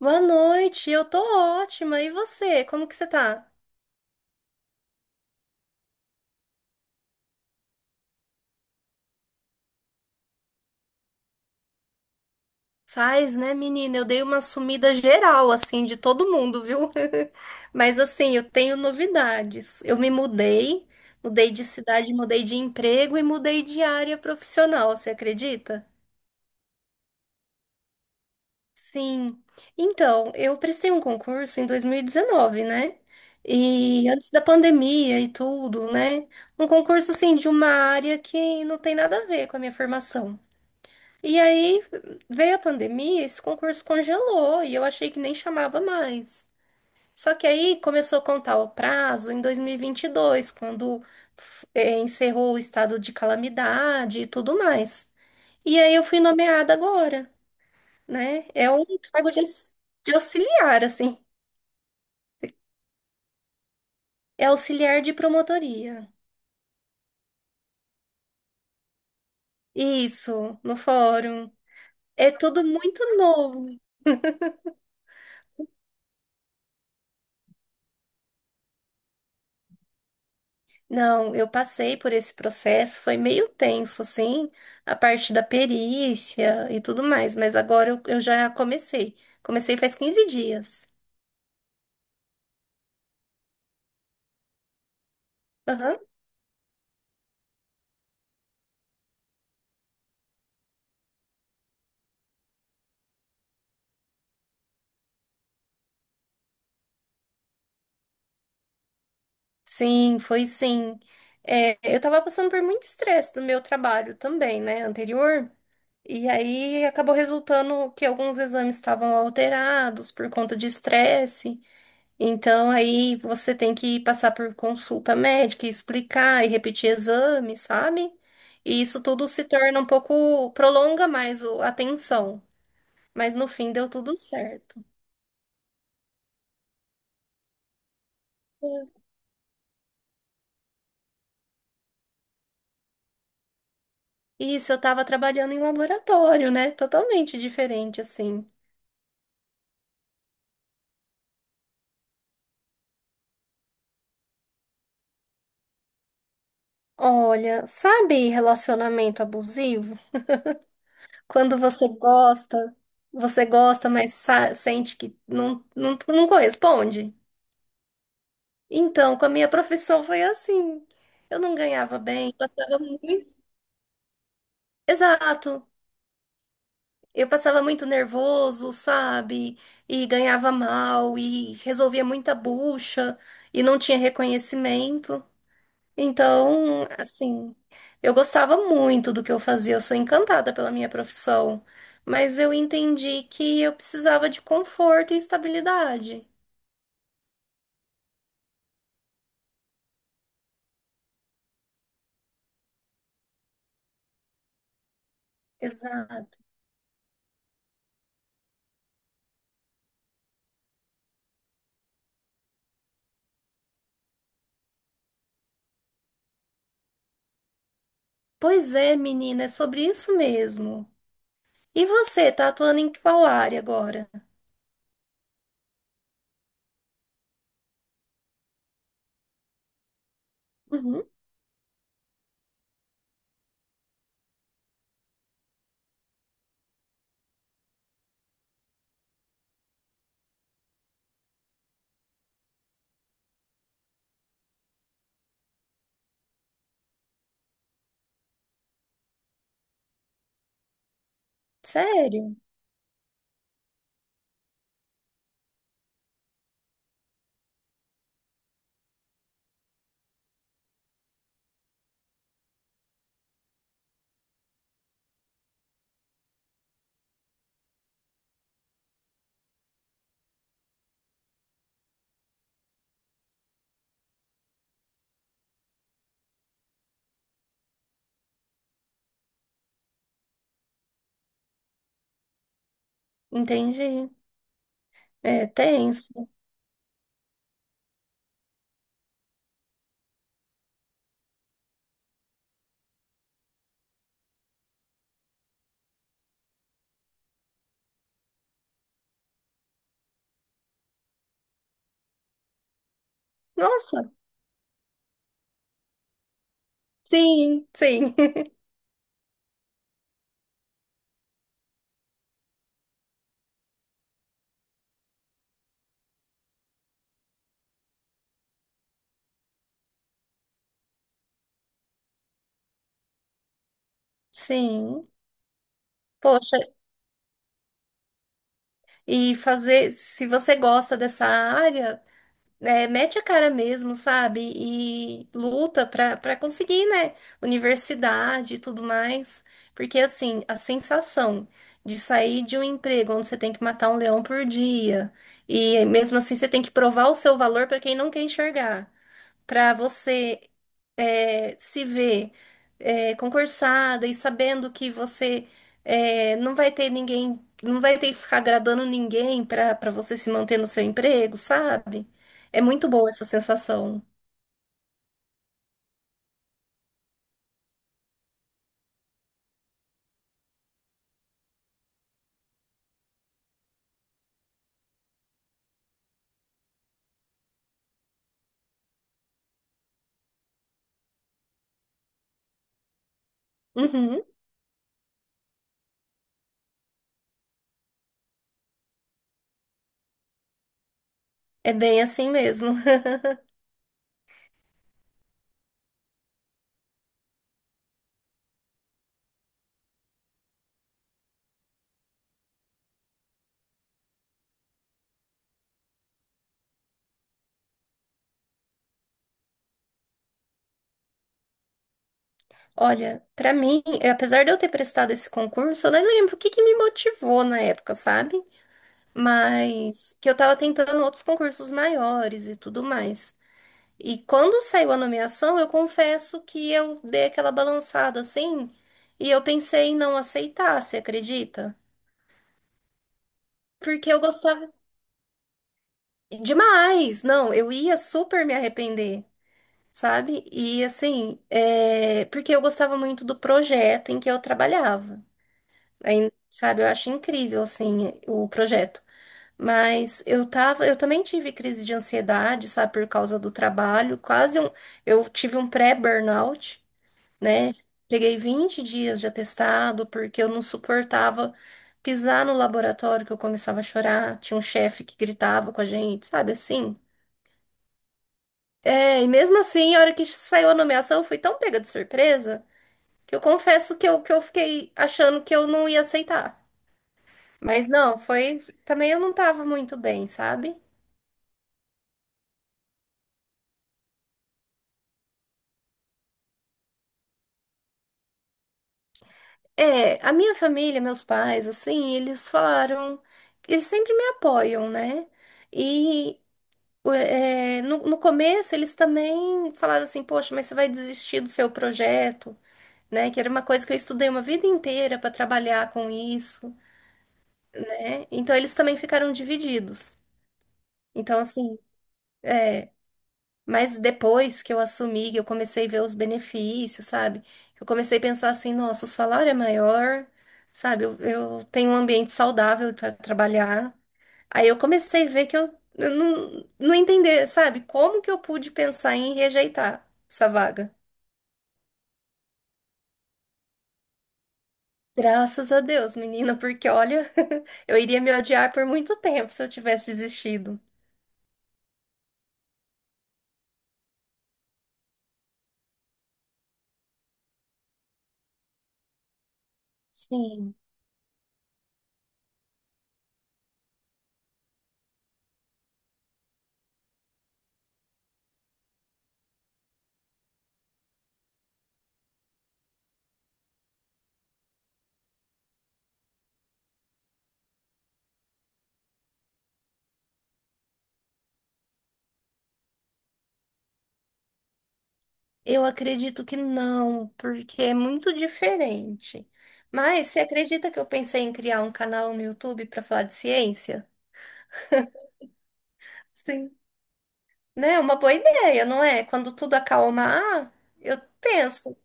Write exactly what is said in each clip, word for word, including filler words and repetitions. Boa noite, eu tô ótima. E você? Como que você tá? Faz, né, menina? Eu dei uma sumida geral, assim, de todo mundo, viu? Mas, assim, eu tenho novidades. Eu me mudei, mudei de cidade, mudei de emprego e mudei de área profissional, você acredita? Sim. Então, eu prestei um concurso em dois mil e dezenove, né? E antes da pandemia e tudo, né? Um concurso, assim, de uma área que não tem nada a ver com a minha formação. E aí veio a pandemia, esse concurso congelou e eu achei que nem chamava mais. Só que aí começou a contar o prazo em dois mil e vinte e dois, quando f- eh, encerrou o estado de calamidade e tudo mais. E aí eu fui nomeada agora, né? É um cargo de, aux- de auxiliar, assim. É auxiliar de promotoria. Isso, no fórum. É tudo muito novo. Não, eu passei por esse processo, foi meio tenso, assim, a parte da perícia e tudo mais, mas agora eu, eu já comecei. Comecei faz quinze dias. Aham. Sim, foi sim. É, eu tava passando por muito estresse no meu trabalho também, né, anterior, e aí acabou resultando que alguns exames estavam alterados por conta de estresse. Então aí você tem que passar por consulta médica, e explicar e repetir exames, sabe? E isso tudo se torna um pouco, prolonga mais o- a atenção. Mas no fim deu tudo certo. Isso, eu tava trabalhando em laboratório, né? Totalmente diferente, assim. Olha, sabe relacionamento abusivo? Quando você gosta, você gosta, mas sa- sente que não, não, não corresponde. Então, com a minha profissão foi assim. Eu não ganhava bem, passava muito. Exato. Eu passava muito nervoso, sabe? E ganhava mal, e resolvia muita bucha, e não tinha reconhecimento. Então, assim, eu gostava muito do que eu fazia, eu sou encantada pela minha profissão, mas eu entendi que eu precisava de conforto e estabilidade. Exato. Pois é, menina, é sobre isso mesmo. E você, tá atuando em qual área agora? Uhum. Sério? Entendi. É tenso. Nossa, sim, sim, sim. Poxa, e fazer, se você gosta dessa área, é, mete a cara mesmo, sabe? E luta pra, pra conseguir, né? Universidade e tudo mais. Porque, assim, a sensação de sair de um emprego onde você tem que matar um leão por dia, e mesmo assim você tem que provar o seu valor pra quem não quer enxergar, para você é, se ver é, concursada e sabendo que você é, não vai ter ninguém, não vai ter que ficar agradando ninguém para para você se manter no seu emprego, sabe? É muito boa essa sensação. Uhum, é bem assim mesmo. Olha, para mim, eh, apesar de eu ter prestado esse concurso, eu nem lembro o que que me motivou na época, sabe? Mas que eu tava tentando outros concursos maiores e tudo mais. E quando saiu a nomeação, eu confesso que eu dei aquela balançada, assim, e eu pensei em não aceitar, você acredita? Porque eu gostava demais, não, eu ia super me arrepender, sabe? E assim, é, porque eu gostava muito do projeto em que eu trabalhava. Aí, sabe, eu acho incrível assim o projeto. Mas eu tava, eu também tive crise de ansiedade, sabe, por causa do trabalho, quase um, eu tive um pré-burnout, né? Peguei vinte dias de atestado porque eu não suportava pisar no laboratório que eu começava a chorar. Tinha um chefe que gritava com a gente, sabe assim? É, e mesmo assim, a hora que saiu a nomeação, eu fui tão pega de surpresa que eu confesso que eu, que eu fiquei achando que eu não ia aceitar. Mas não, foi. Também eu não tava muito bem, sabe? É, a minha família, meus pais, assim, eles falaram. Eles sempre me apoiam, né? e o- é, no, no começo eles também falaram assim, poxa, mas você vai desistir do seu projeto, né? Que era uma coisa que eu estudei uma vida inteira para trabalhar com isso, né? Então eles também ficaram divididos. Então assim, mas depois que eu assumi, que eu comecei a ver os benefícios, sabe? Eu comecei a pensar assim, nossa, o salário é maior, sabe? Eu, eu tenho um ambiente saudável para trabalhar. Aí eu comecei a ver que eu, eu não, não entender, sabe? Como que eu pude pensar em rejeitar essa vaga? Graças a Deus, menina, porque olha, eu iria me odiar por muito tempo se eu tivesse desistido. Sim, eu acredito que não, porque é muito diferente. Mas você acredita que eu pensei em criar um canal no YouTube para falar de ciência? Sim. Né? é Uma boa ideia, não é? Quando tudo acalmar, eu penso.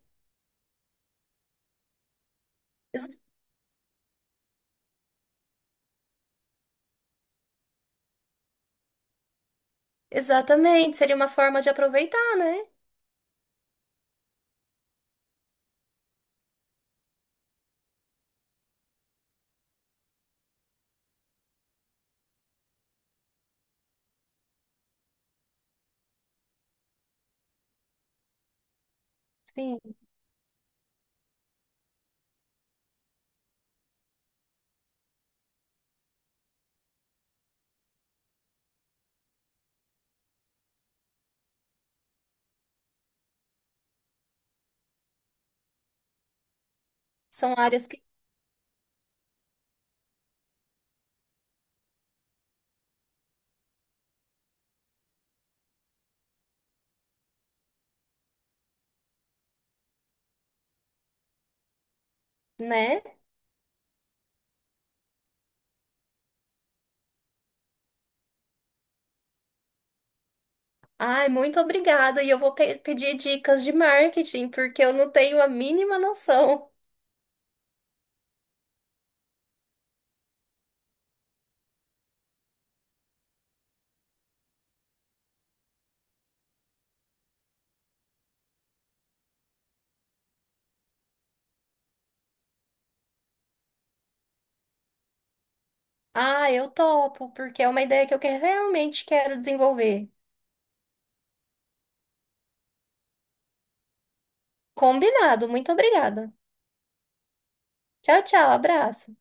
Exatamente, seria uma forma de aproveitar, né? Sim, são áreas que, né? Ai, muito obrigada. E eu vou pe- pedir dicas de marketing, porque eu não tenho a mínima noção. Ah, eu topo, porque é uma ideia que eu que- realmente quero desenvolver. Combinado, muito obrigada. Tchau, tchau, abraço.